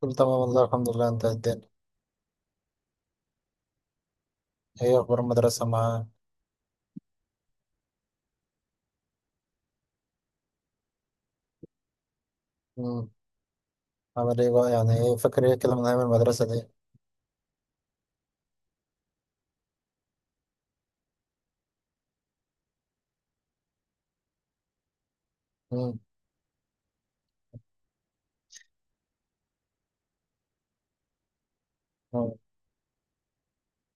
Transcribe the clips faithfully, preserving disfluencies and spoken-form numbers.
كله تمام والله الحمد لله. انت إيه الدنيا؟ ايه اخبار المدرسة معاه؟ امم. عامل ايه بقى؟ يعني ايه فاكر ايه كده من ايام المدرسة دي؟ امم. امم.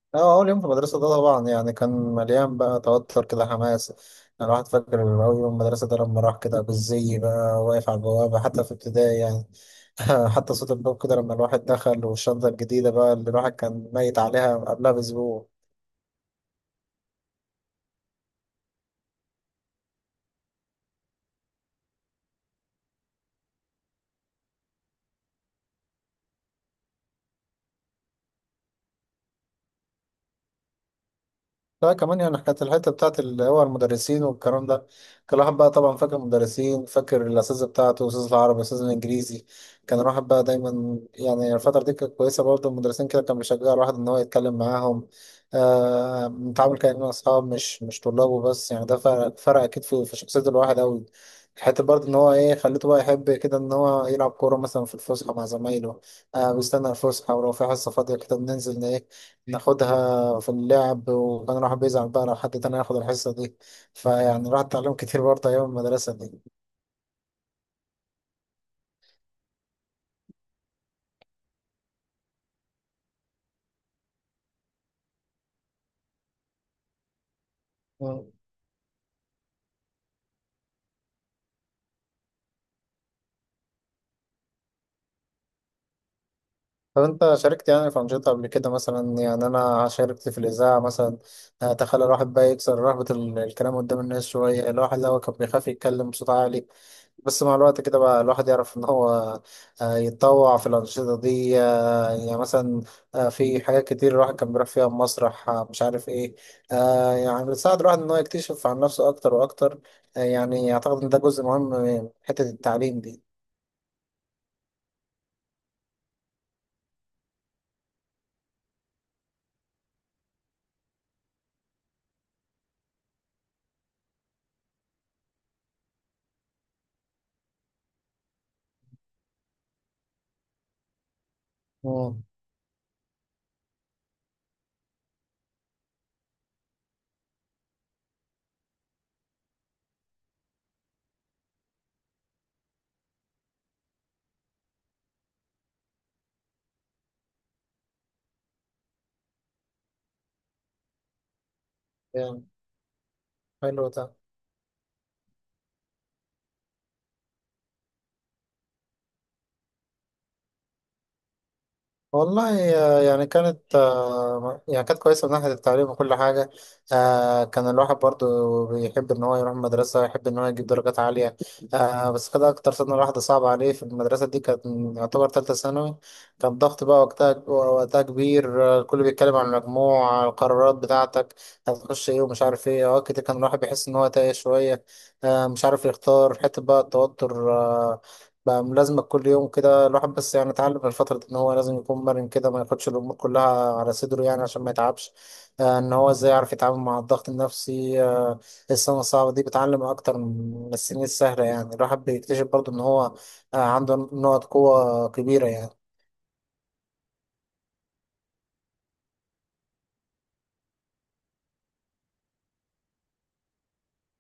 اه، اول يوم في المدرسة ده طبعا يعني كان مليان بقى توتر كده، حماس. انا الواحد فاكر اول يوم المدرسة ده لما راح كده بالزي، بقى واقف على البوابة حتى في ابتدائي يعني. حتى صوت الباب كده لما الواحد دخل، والشنطة الجديدة بقى اللي الواحد كان ميت عليها قبلها بأسبوع. لا كمان يعني كانت الحتة بتاعت اللي هو المدرسين والكلام ده. كان الواحد بقى طبعا فاكر المدرسين، فاكر الأساتذة بتاعته، الأستاذ العربي، الأستاذ الإنجليزي. كان الواحد بقى دايما يعني الفترة دي كانت كويسة برضه. المدرسين كده كان بيشجع الواحد إن هو يتكلم معاهم. آه متعامل كأنه أصحاب، مش مش طلاب وبس يعني. ده فرق, فرق أكيد في, في شخصية الواحد أوي. حتى برضه إن هو إيه، خليته بقى يحب كده إن هو يلعب كورة مثلا في الفسحة مع زمايله. آه بيستنى الفسحة، ولو في حصة فاضية كده بننزل إن إيه، ناخدها في اللعب. وكان الواحد بيزعل بقى لو حد تاني ياخد الحصة دي. فيعني الواحد اتعلم كتير برضه أيام المدرسة دي. مم. طب أنت شاركت يعني في أنشطة قبل كده؟ مثلا يعني أنا شاركت في الإذاعة مثلا. آه، تخلى الواحد بقى يكسر رهبة ال- الكلام قدام الناس شوية. الواحد لو كان بيخاف يتكلم بصوت عالي، بس مع الوقت كده بقى الواحد يعرف ان هو آه، يتطوع في الانشطه دي. آه، يعني مثلا، آه، في حاجات كتير الواحد كان بيروح فيها، مسرح، آه، مش عارف ايه. آه، يعني بتساعد الواحد ان هو يكتشف عن نفسه اكتر واكتر. آه، يعني اعتقد ان ده جزء مهم من حته التعليم دي. مم. يعني حلو ده. والله آه، يعني كانت آه، يعني كانت كويسة من ناحية التعليم وكل حاجة. آه، كان الواحد برضو بيحب إن هو يروح المدرسة، يحب إن هو يجيب درجات عالية. آه، بس كده أكتر سنة الواحد صعب عليه في المدرسة دي كانت يعتبر تالتة ثانوي. كان ضغط بقى وقتها وقتها كبير. آه، الكل بيتكلم عن المجموع، على القرارات بتاعتك، هتخش إيه، ومش عارف إيه. أوقات كتير كان الواحد بيحس إن هو تايه شوية، آه، مش عارف يختار حتة. بقى التوتر آه، بقى ملازمك كل يوم كده الواحد. بس يعني اتعلم من الفترة دي ان هو لازم يكون مرن كده، ما ياخدش الامور كلها على صدره يعني عشان ما يتعبش. آه ان هو ازاي يعرف يتعامل مع الضغط النفسي. آه السنة الصعبة دي بتعلم اكتر من السنين السهلة. يعني الواحد بيكتشف برضه ان هو آه عنده نقط قوة كبيرة يعني.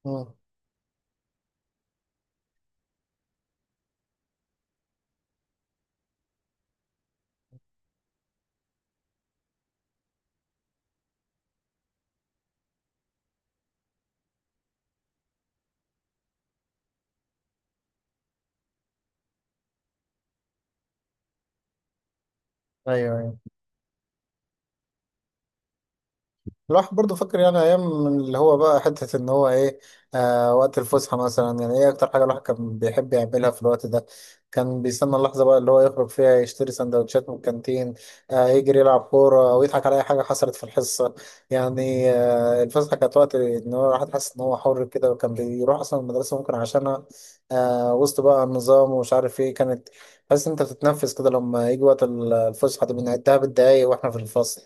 مم. ايوه، أيوة. الواحد برضه فاكر يعني ايام من اللي هو بقى، حته ان هو ايه، آه وقت الفسحه مثلا. يعني ايه اكتر حاجه الواحد كان بيحب يعملها في الوقت ده؟ كان بيستنى اللحظه بقى اللي هو يخرج فيها، يشتري سندوتشات من الكانتين، آه يجري، يلعب كوره، او يضحك على اي حاجه حصلت في الحصه يعني. آه الفسحه كانت وقت ان هو الواحد حاسس ان هو حر كده، وكان بيروح اصلا المدرسه ممكن عشانها. آه وسط بقى النظام ومش عارف ايه كانت. حاسس إن انت بتتنفس كده لما يجي وقت الفسحه دي. بنعدها بالدقايق واحنا في الفصل.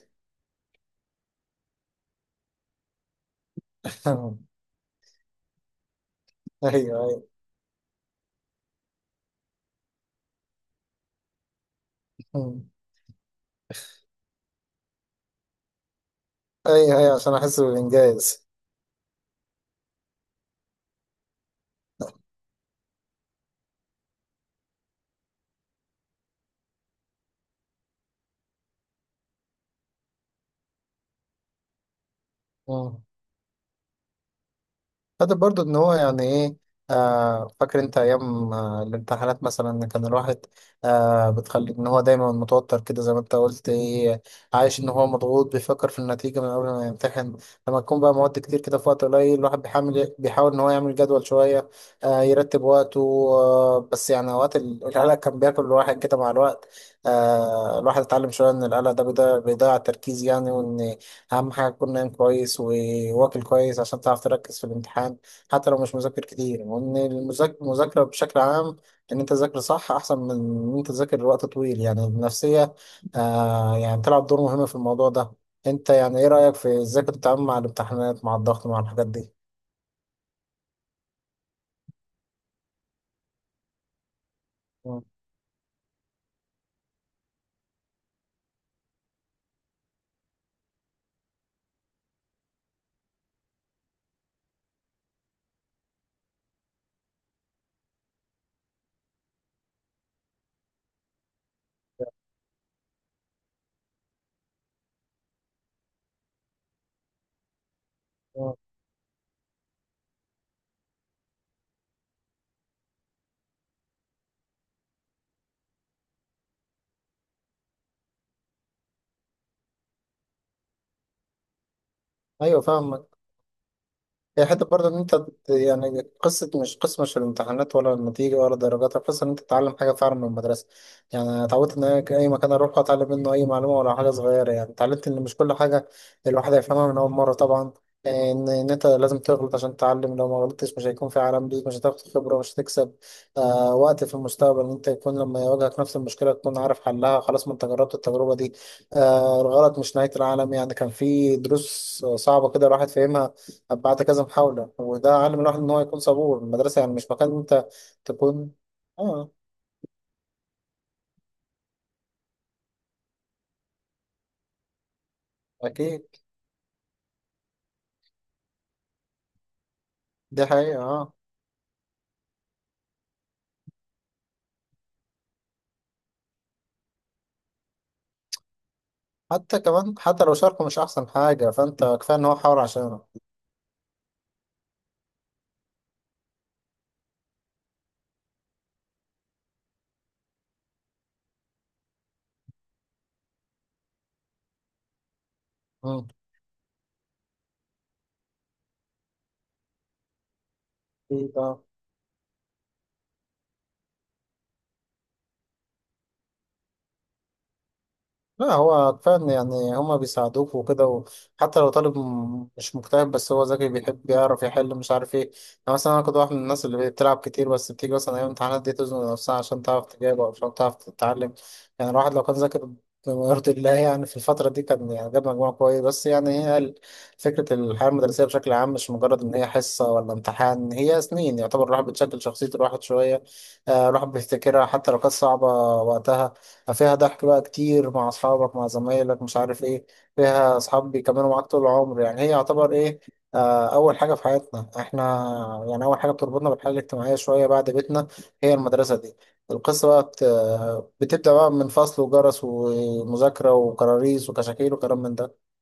ايوه. اه، اي اي عشان احس بالانجاز. اه. فده برضو ان هو يعني ايه. آه فاكر انت ايام آه الامتحانات مثلا، إن كان الواحد آه بتخلي ان هو دايما متوتر كده، زي ما انت قلت ايه، عايش ان هو مضغوط، بيفكر في النتيجة من قبل ما يمتحن. لما تكون بقى مواد كتير كده في وقت قليل، الواحد بيحاول بيحاول ان هو يعمل جدول شوية، آه يرتب وقته. آه بس يعني اوقات ال- القلق كان بياكل الواحد كده. مع الوقت آه الواحد اتعلم شوية ان القلق ده بيضيع بيضيع التركيز يعني. أهم حاجة تكون نايم كويس وواكل كويس عشان تعرف تركز في الامتحان، حتى لو مش مذاكر كتير. وإن المذاك- المذاكرة بشكل عام، إن أنت تذاكر صح أحسن من إن أنت تذاكر لوقت طويل. يعني النفسية آه يعني تلعب دور مهم في الموضوع ده. أنت يعني إيه رأيك في إزاي كنت بتتعامل مع الامتحانات، مع الضغط، مع الحاجات دي؟ مم. مم. أيوه، فاهم. هي حتة برضه إن أنت ت- يعني قصة، مش قصة مش الامتحانات ولا النتيجة ولا الدرجات، القصة إن أنت تتعلم حاجة فعلا من المدرسة. يعني أنا اتعودت إن أنا أي مكان أروح أتعلم منه أي معلومة ولا حاجة صغيرة. يعني اتعلمت إن مش كل حاجة الواحد هيفهمها من أول مرة طبعا، إن إن أنت لازم تغلط عشان تتعلم. لو ما غلطتش مش هيكون في عالم ليك، مش هتاخد خبرة، مش هتكسب آه وقت في المستقبل إن أنت يكون لما يواجهك نفس المشكلة تكون عارف حلها، خلاص ما أنت جربت التجربة دي. آه الغلط مش نهاية العالم يعني. كان في دروس صعبة كده الواحد فاهمها بعد كذا محاولة، وده علم الواحد إن هو يكون صبور. المدرسة يعني مش مكان أنت تكون آه. أكيد. دي حقيقة، آه. حتى كمان، حتى لو شاركه مش أحسن حاجة، فأنت كفاية إن هو حاول عشانك. مم. أكيد، آه. لا هو كفاية إن يعني هما بيساعدوك وكده، وحتى لو طالب م- مش مجتهد بس هو ذكي، بيحب يعرف يحل، مش عارف ايه. أنا مثلا أنا كنت واحد من الناس اللي بتلعب كتير، بس بتيجي مثلا أيام الامتحانات دي تزنق نفسها عشان تعرف تجاوب أو عشان تعرف تتعلم. يعني الواحد لو كان ذاكر بما يرضي الله يعني في الفترة دي، كان يعني جاب مجموع كويس. بس يعني هي ال- فكرة الحياة المدرسية بشكل عام مش مجرد إن هي حصة ولا امتحان، هي سنين يعتبر الواحد بتشكل شخصية الواحد شوية. آه، الواحد بيفتكرها حتى لو كانت صعبة وقتها. فيها ضحك بقى كتير مع أصحابك، مع زمايلك، مش عارف إيه. فيها أصحاب بيكملوا معاك طول العمر. يعني هي يعتبر إيه، آه أول حاجة في حياتنا إحنا. يعني أول حاجة بتربطنا بالحياة الاجتماعية شوية بعد بيتنا هي المدرسة دي. القصة بقى بت... بتبدأ بقى من فصل وجرس ومذاكرة وكراريس وكشاكيل وكلام من ده.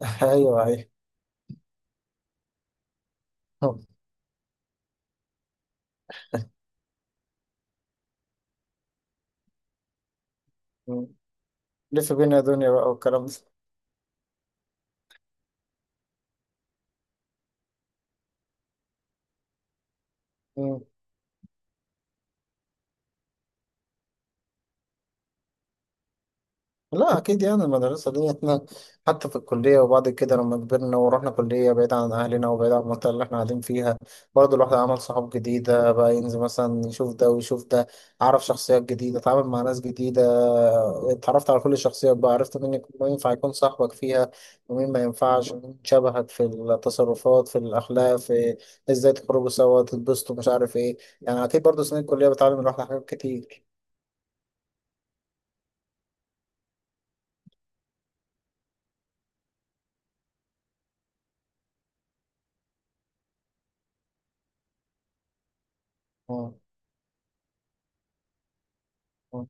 أيوه، أيوه. لف بينا يا دنيا بقى، والكلام ده. لا أكيد، يعني المدرسة دي إحنا، حتى في الكلية وبعد كده لما كبرنا ورحنا كلية بعيد عن أهلنا وبعيد عن المنطقة اللي إحنا قاعدين فيها، برضه الواحد عمل صحاب جديدة بقى. ينزل مثلا يشوف ده ويشوف ده، عرف شخصيات جديدة، اتعامل مع ناس جديدة. اتعرفت على كل الشخصيات بقى، عرفت مين يكون- مين ينفع يكون صاحبك فيها، ومين ما ينفعش، ومين شبهك في التصرفات، في الأخلاق، في إزاي تخرجوا سوا، تتبسطوا، مش عارف إيه. يعني أكيد برضه سنين الكلية بتعلم الواحد حاجات كتير. آه. آه.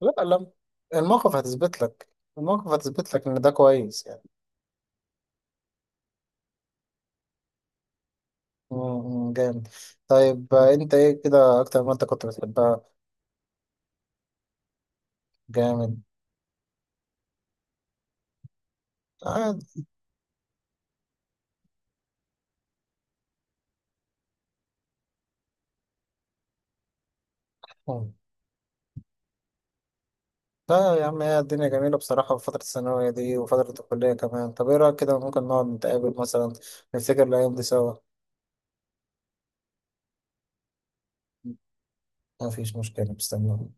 لا لا، الموقف هتثبت لك. الموقف هتثبت لك ان ده كويس يعني. مم، جامد. طيب آه، انت ايه كده اكتر ما انت كنت بتحبها؟ جامد. عادي. مم. لا يا عم، هي الدنيا جميلة بصراحة في فترة الثانوية دي وفترة الكلية كمان. طب ايه رأيك كده ممكن نقعد نتقابل مثلا، نفتكر الأيام دي سوا؟ مفيش مشكلة، مستنيك.